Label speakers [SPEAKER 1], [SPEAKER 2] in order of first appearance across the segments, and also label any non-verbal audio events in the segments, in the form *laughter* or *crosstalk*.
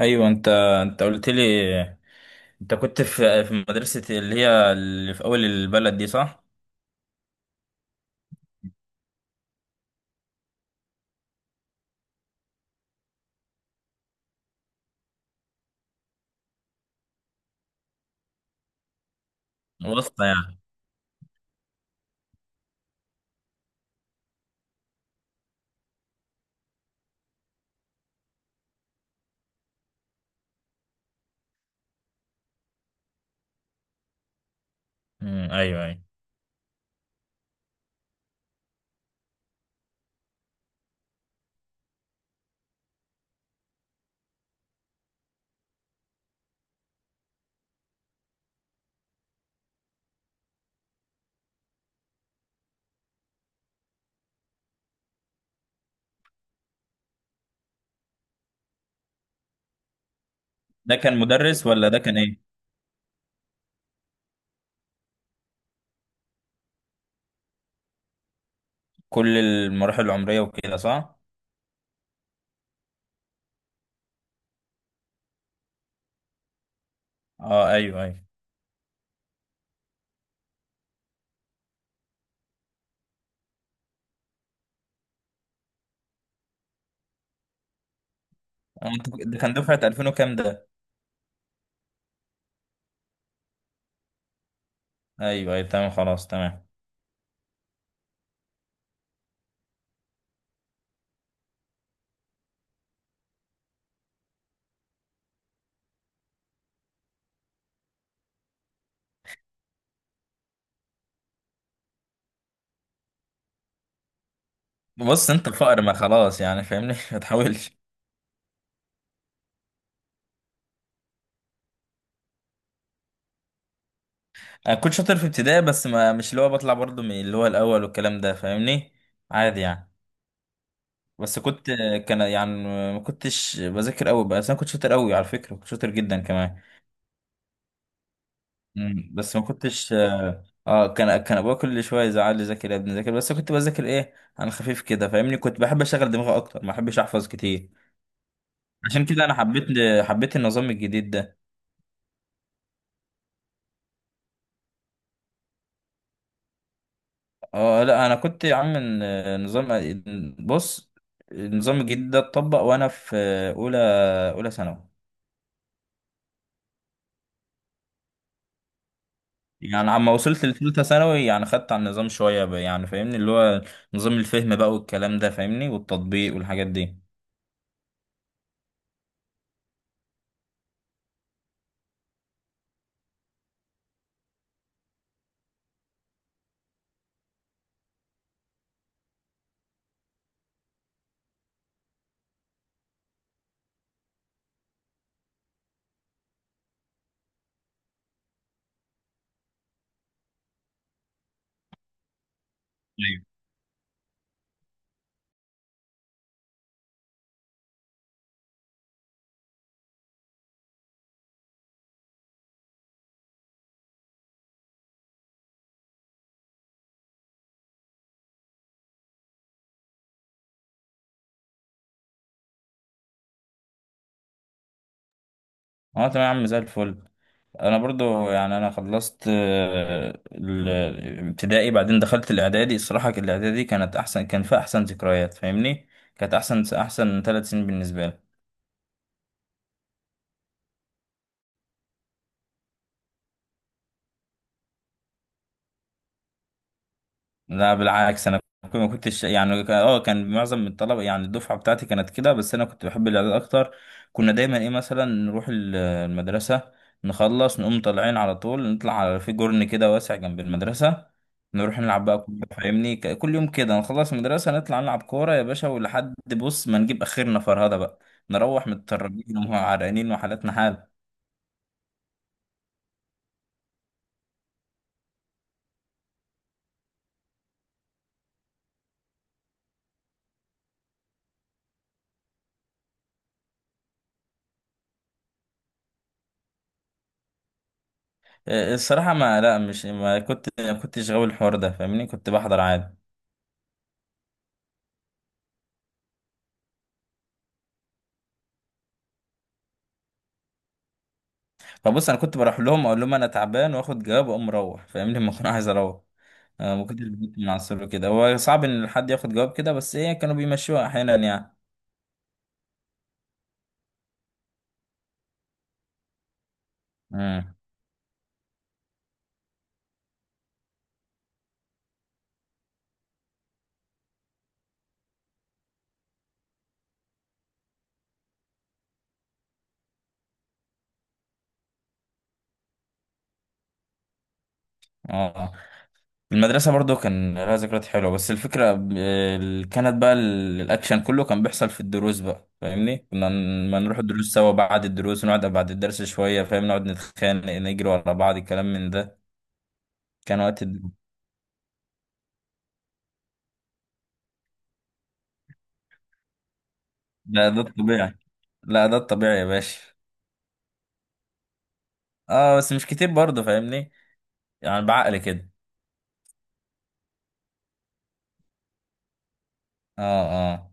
[SPEAKER 1] ايوه انت قلت لي. انت كنت في مدرسه اللي في اول البلد دي، صح؟ وسطى يعني. ايوه ايوه. ده كان مدرس ولا ده كان ايه؟ كل المراحل العمريه وكده صح؟ اه ايوه ايوه. اه، انت ده كان دفعه 2000 وكام ده؟ ايوه ايوه تمام، خلاص تمام. بص، انت الفقر ما خلاص يعني، فاهمني؟ *laughs* ما تحاولش. انا كنت شاطر في ابتدائي، بس ما مش اللي هو بطلع برضو من اللي هو الاول والكلام ده، فاهمني؟ عادي يعني. بس كنت، كان يعني، ما كنتش بذاكر قوي، بس انا كنت شاطر قوي على فكره، كنت شاطر جدا كمان. مم. بس ما كنتش كان ابويا كل شويه يزعل لي، ذاكر يا ابني ذاكر، بس كنت بذاكر ايه. انا خفيف كده فاهمني، كنت بحب اشغل دماغي اكتر، ما بحبش احفظ كتير. عشان كده انا حبيت النظام الجديد ده. اه لا، انا كنت يا عم نظام. بص، النظام الجديد ده اتطبق وانا في اولى اولى ثانوي. يعني عما وصلت لثالثة ثانوي يعني خدت على النظام شوية بقى، يعني فاهمني اللي هو نظام الفهم بقى والكلام ده، فاهمني، والتطبيق والحاجات دي. ايوه. اه تمام يا عم، زي الفل. انا برضو يعني انا خلصت، الابتدائي، بعدين دخلت الاعدادي، الصراحة الاعدادي كانت احسن، كان فيها احسن ذكريات فاهمني. كانت احسن، احسن ثلاث سنين بالنسبة لي. لا بالعكس، انا ما كنتش يعني كان معظم من الطلبه، يعني الدفعه بتاعتي كانت كده، بس انا كنت بحب الاعداد اكتر. كنا دايما ايه، مثلا نروح المدرسه، نخلص نقوم طالعين على طول، نطلع على في جرن كده واسع جنب المدرسه، نروح نلعب بقى كورة، فاهمني، كل يوم كده نخلص المدرسه نطلع نلعب كوره يا باشا، ولحد بص ما نجيب اخرنا فرهده بقى. نروح متطربين وعرقانين وحالتنا حال. الصراحه ما لا مش ما كنت، ما كنتش غاوي الحوار ده فاهمني، كنت بحضر عادي. فبص، انا كنت بروح لهم اقول لهم انا تعبان واخد جواب واقوم مروح فاهمني *laughs* لما اكون عايز اروح. ما كنتش بجيب من عصره كده، هو صعب ان حد ياخد جواب كده، بس ايه كانوا بيمشوها احيانا يعني. امم اه المدرسه برضو كان لها ذكريات حلوه، بس الفكره كانت بقى الاكشن كله كان بيحصل في الدروس بقى فاهمني، كنا ما نروح الدروس سوا، بعد الدروس ونقعد بعد الدرس شويه فاهم، نقعد نتخانق نجري ورا بعض الكلام من ده. كان وقت الد- لا ده الطبيعي، لا ده الطبيعي يا باشا. اه بس مش كتير برضه فاهمني، يعني بعقل كده. اه اه.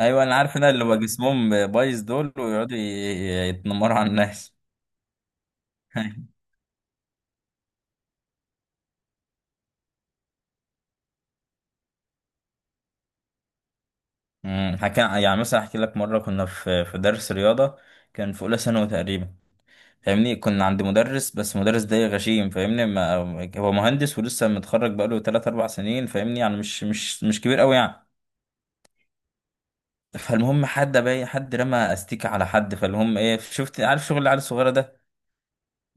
[SPEAKER 1] ايوه انا عارف، ان اللي بقى جسمهم بايظ دول ويقعدوا يتنمروا على الناس. *laughs* امم، حكى يعني، مثلا احكي لك مره كنا في درس رياضه، كان في اولى ثانوي تقريبا فاهمني، كنا عند مدرس بس المدرس ده غشيم فاهمني، ما هو مهندس ولسه متخرج بقاله 3 4 سنين فاهمني، يعني مش كبير قوي يعني. فالمهم حد، باي حد رمى استيكه على حد، فالمهم ايه، شفت عارف شغل العيال الصغيره ده.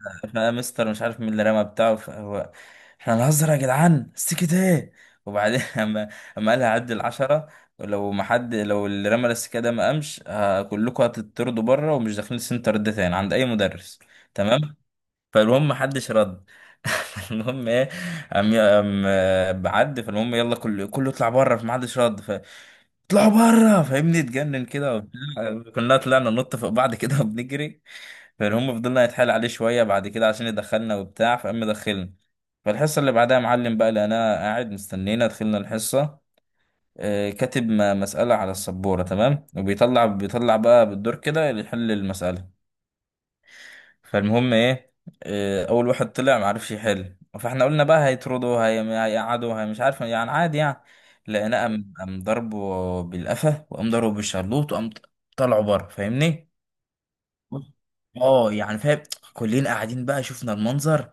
[SPEAKER 1] فانا، مستر مش عارف مين اللي رمى بتاعه، فهو احنا هنهزر يا جدعان؟ السكت ايه! وبعدين *laughs* اما، اما قالها عد العشرة، لو ما حد، لو اللي رمى السكه ده ما قامش كلكم هتطردوا بره، ومش داخلين السنتر ده تاني عند اي مدرس. تمام، فالمهم ما حدش رد. *laughs* المهم ايه، قام بعد فالمهم، يلا كله يطلع بره. فما حدش رد اطلعوا بره فاهمني، اتجنن كده وبتاع. كلنا طلعنا ننط فوق بعض كده وبنجري. فالهم فضلنا يتحايل عليه شوية بعد كده عشان يدخلنا وبتاع، فقام دخلنا. فالحصة اللي بعدها معلم بقى، لقيناه قاعد مستنينا، دخلنا الحصة، كاتب مسألة على السبورة. تمام، وبيطلع بقى بالدور كده اللي يحل المسألة. فالمهم ايه، أول واحد طلع معرفش يحل، فاحنا قلنا بقى هيطردوا هيقعدوا، هي مش عارف يعني، عادي يعني. لقيناه قام ضربه بالقفا، وقام ضربه بالشلوط، وقام طلعوا بره فاهمني. بص، اه يعني فاهم، كلنا قاعدين بقى شفنا المنظر،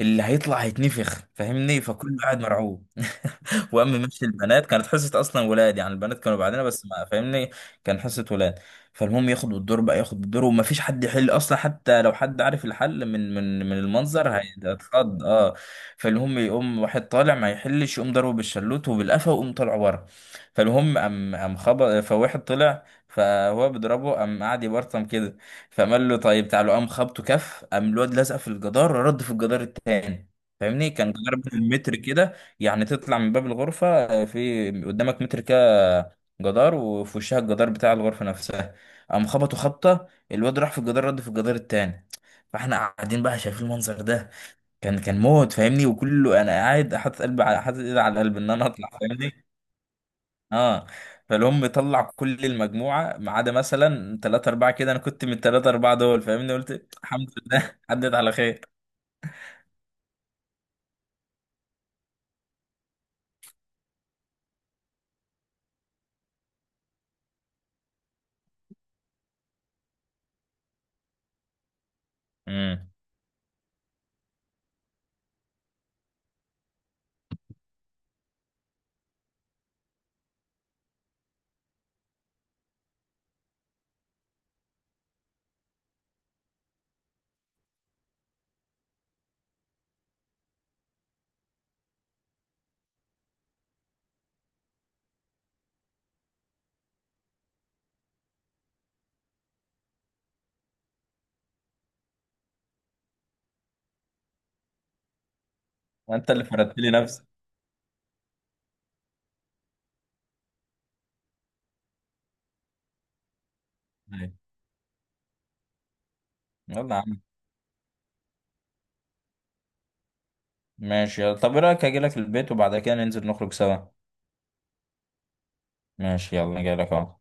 [SPEAKER 1] اللي هيطلع هيتنفخ فاهمني، فكله قاعد مرعوب. *laughs* وقام ماشي، البنات كانت حصه اصلا ولاد، يعني البنات كانوا بعدنا بس ما فاهمني، كان حصه ولاد. فالمهم ياخد الدور بقى، ياخد الدور ومفيش حد يحل اصلا، حتى لو حد عارف الحل من المنظر هيتخض، اه. فالمهم يقوم واحد طالع ما يحلش، يقوم ضربه بالشلوت وبالقفا، ويقوم طالع بره. فالمهم قام خبط، فواحد طلع فهو بيضربه، قام قعد يبرطم كده، فقام قال له طيب تعالوا، قام خبطه كف، قام الواد لزق في الجدار، رد في الجدار التاني فاهمني. كان جدار بين المتر كده، يعني تطلع من باب الغرفة في قدامك متر كده جدار، وفي وشها الجدار بتاع الغرفة نفسها. قام خبطوا خبطة، الواد راح في الجدار رد في الجدار التاني. فاحنا قاعدين بقى شايفين المنظر ده، كان موت فاهمني، وكله. انا قاعد حاطط ايدي على القلب ان انا اطلع فاهمني، اه. فالهم طلع كل المجموعة ما عدا مثلا ثلاثة أربعة كده، أنا كنت من الثلاثة أربعة دول فاهمني، قلت الحمد لله عدت على خير. امم. وأنت اللي فردت لي نفسك. يلا يا عم. ماشي، يلا طب ايه رأيك اجي لك البيت وبعد كده ننزل نخرج سوا؟ ماشي يلا، جاي لك اهو.